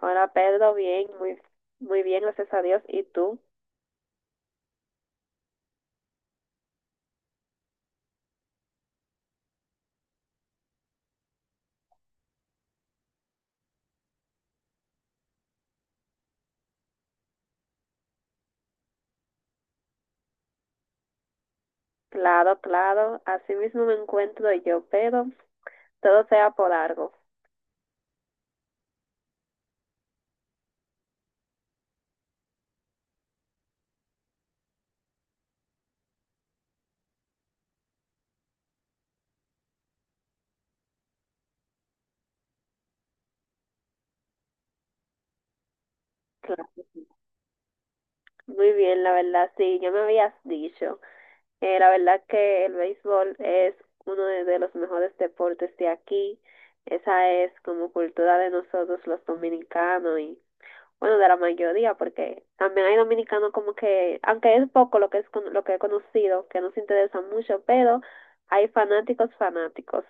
Hola Pedro, bien, muy bien, gracias a Dios. ¿Y tú? Claro, claro, así mismo me encuentro yo, pero todo sea por algo. Claro. Sí. Muy bien, la verdad, sí, ya me habías dicho. La verdad que el béisbol es uno de los mejores deportes de aquí. Esa es como cultura de nosotros los dominicanos y bueno, de la mayoría, porque también hay dominicanos como que, aunque es poco lo que es lo que he conocido, que no se interesan mucho, pero hay fanáticos.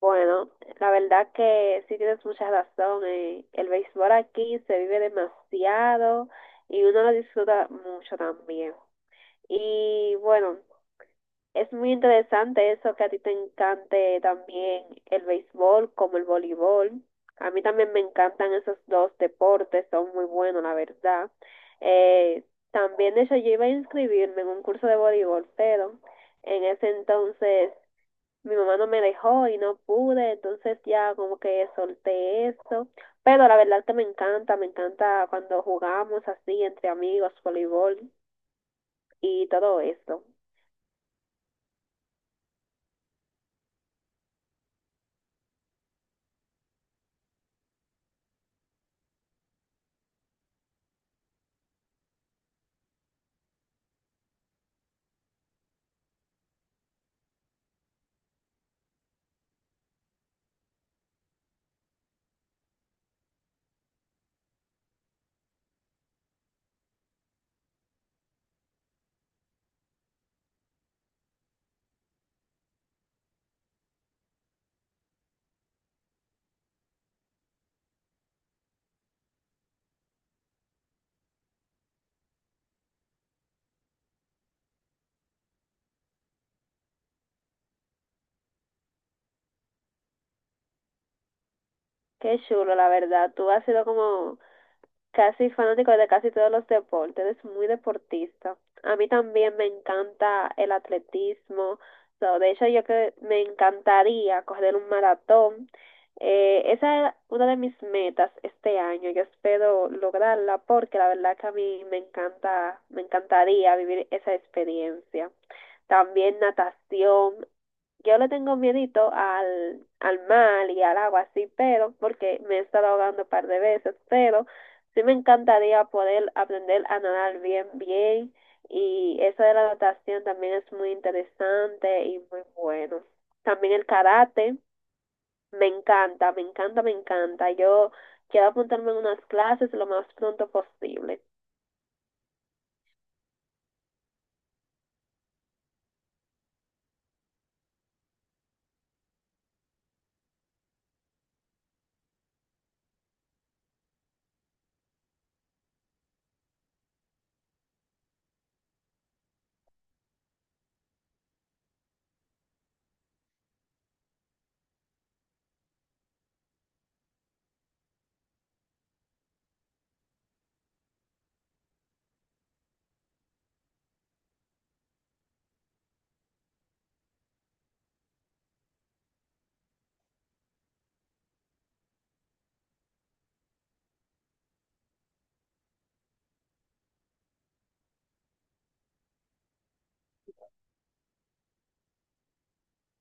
Bueno, la verdad que sí tienes mucha razón. El béisbol aquí se vive demasiado y uno lo disfruta mucho también. Y bueno, es muy interesante eso que a ti te encante también el béisbol como el voleibol. A mí también me encantan esos dos deportes, son muy buenos, la verdad. Eh, También, de hecho, yo iba a inscribirme en un curso de voleibol, pero en ese entonces mi mamá no me dejó y no pude, entonces ya como que solté eso. Pero la verdad que me encanta cuando jugamos así entre amigos, voleibol y todo eso. Qué chulo, la verdad. Tú has sido como casi fanático de casi todos los deportes, eres muy deportista. A mí también me encanta el atletismo. So, de hecho, yo que me encantaría correr un maratón. Esa es una de mis metas este año. Yo espero lograrla porque la verdad que a mí me encanta, me encantaría vivir esa experiencia. También natación, yo le tengo miedito al mar y al agua, sí, pero porque me he estado ahogando un par de veces, pero sí me encantaría poder aprender a nadar bien, bien. Y eso de la natación también es muy interesante y muy bueno. También el karate, me encanta. Yo quiero apuntarme en unas clases lo más pronto posible.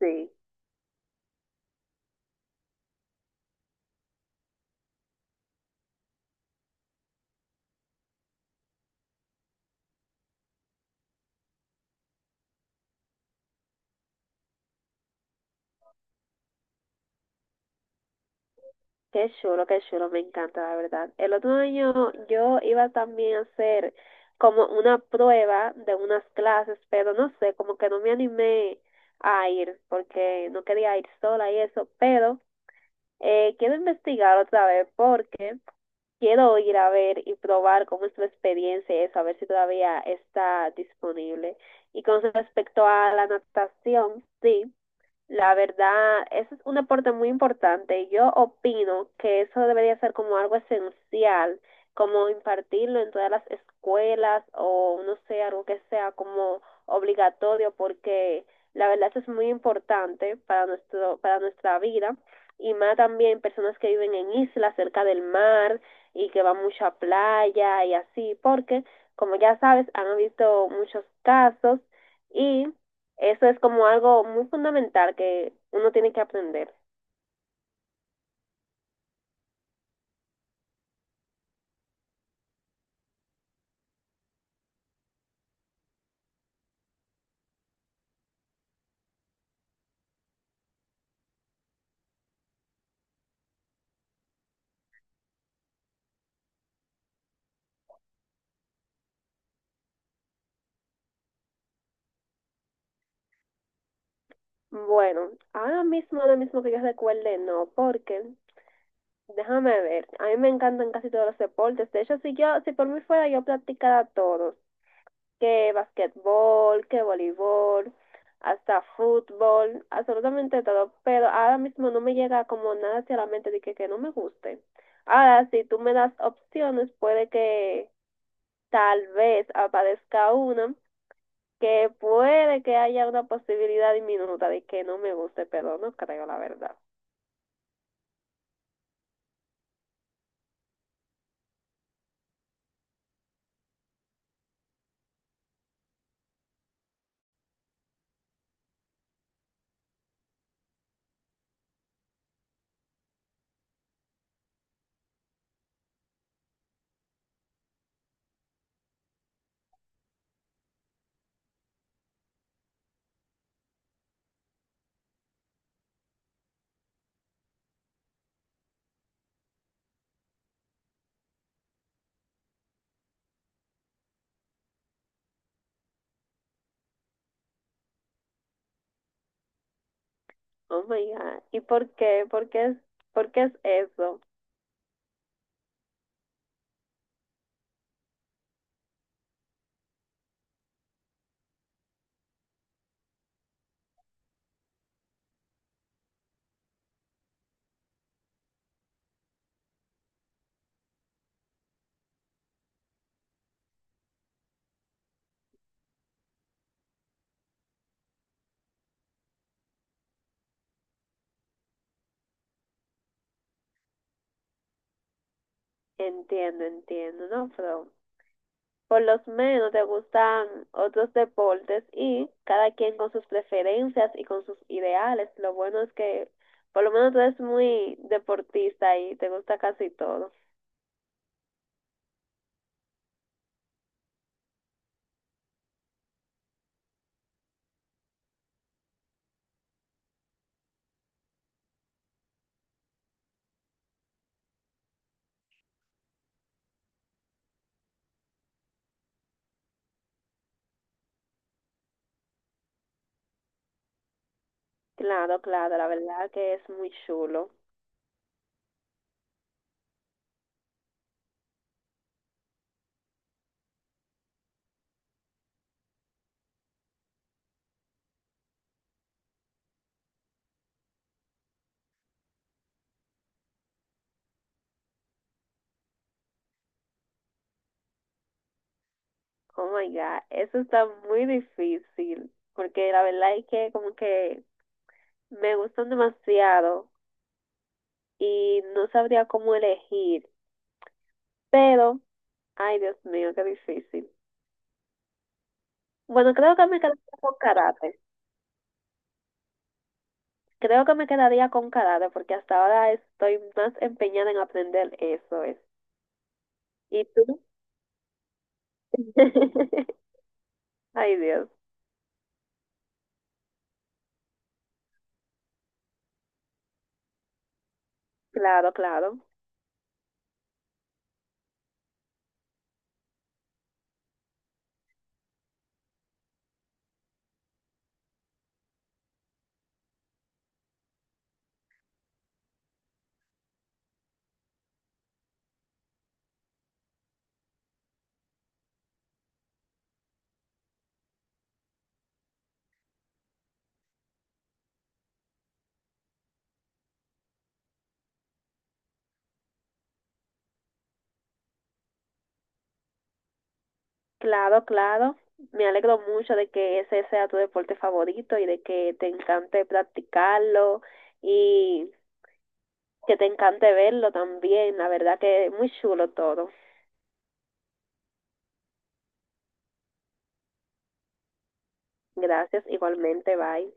Sí. Qué chulo, me encanta, la verdad. El otro año yo iba también a hacer como una prueba de unas clases, pero no sé, como que no me animé a ir porque no quería ir sola y eso, pero quiero investigar otra vez porque quiero ir a ver y probar cómo es tu experiencia y eso, a ver si todavía está disponible. Y con respecto a la natación, sí. La verdad, eso es un aporte muy importante. Yo opino que eso debería ser como algo esencial, como impartirlo en todas las escuelas o no sé, algo que sea como obligatorio, porque la verdad eso es muy importante para para nuestra vida y más también personas que viven en islas cerca del mar y que van mucho a playa y así, porque como ya sabes, han visto muchos casos y eso es como algo muy fundamental que uno tiene que aprender. Bueno, ahora mismo que yo recuerde, no, porque déjame ver, a mí me encantan casi todos los deportes. De hecho, si por mí fuera, yo practicara todos, que basquetbol, que voleibol, hasta fútbol, absolutamente todo. Pero ahora mismo no me llega como nada hacia la mente de que no me guste. Ahora, si tú me das opciones, puede que tal vez aparezca una que puede que haya una posibilidad diminuta de que no me guste, pero no creo la verdad. Oh my God. ¿Y por qué? Por qué es eso? Entiendo, entiendo, ¿no? Pero por lo menos te gustan otros deportes y cada quien con sus preferencias y con sus ideales. Lo bueno es que por lo menos tú eres muy deportista y te gusta casi todo. Claro, claro, la verdad que es muy chulo. Oh my God, eso está muy difícil, porque la verdad es que como que me gustan demasiado y no sabría cómo elegir, pero, ay Dios mío, qué difícil. Bueno, creo que me quedaría con karate, creo que me quedaría con karate, porque hasta ahora estoy más empeñada en aprender eso es. ¿Y tú? Ay Dios, claro, claro. Claro, claro. Me alegro mucho de que ese sea tu deporte favorito y de que te encante practicarlo y que te encante verlo también. La verdad que muy chulo todo. Gracias, igualmente, bye.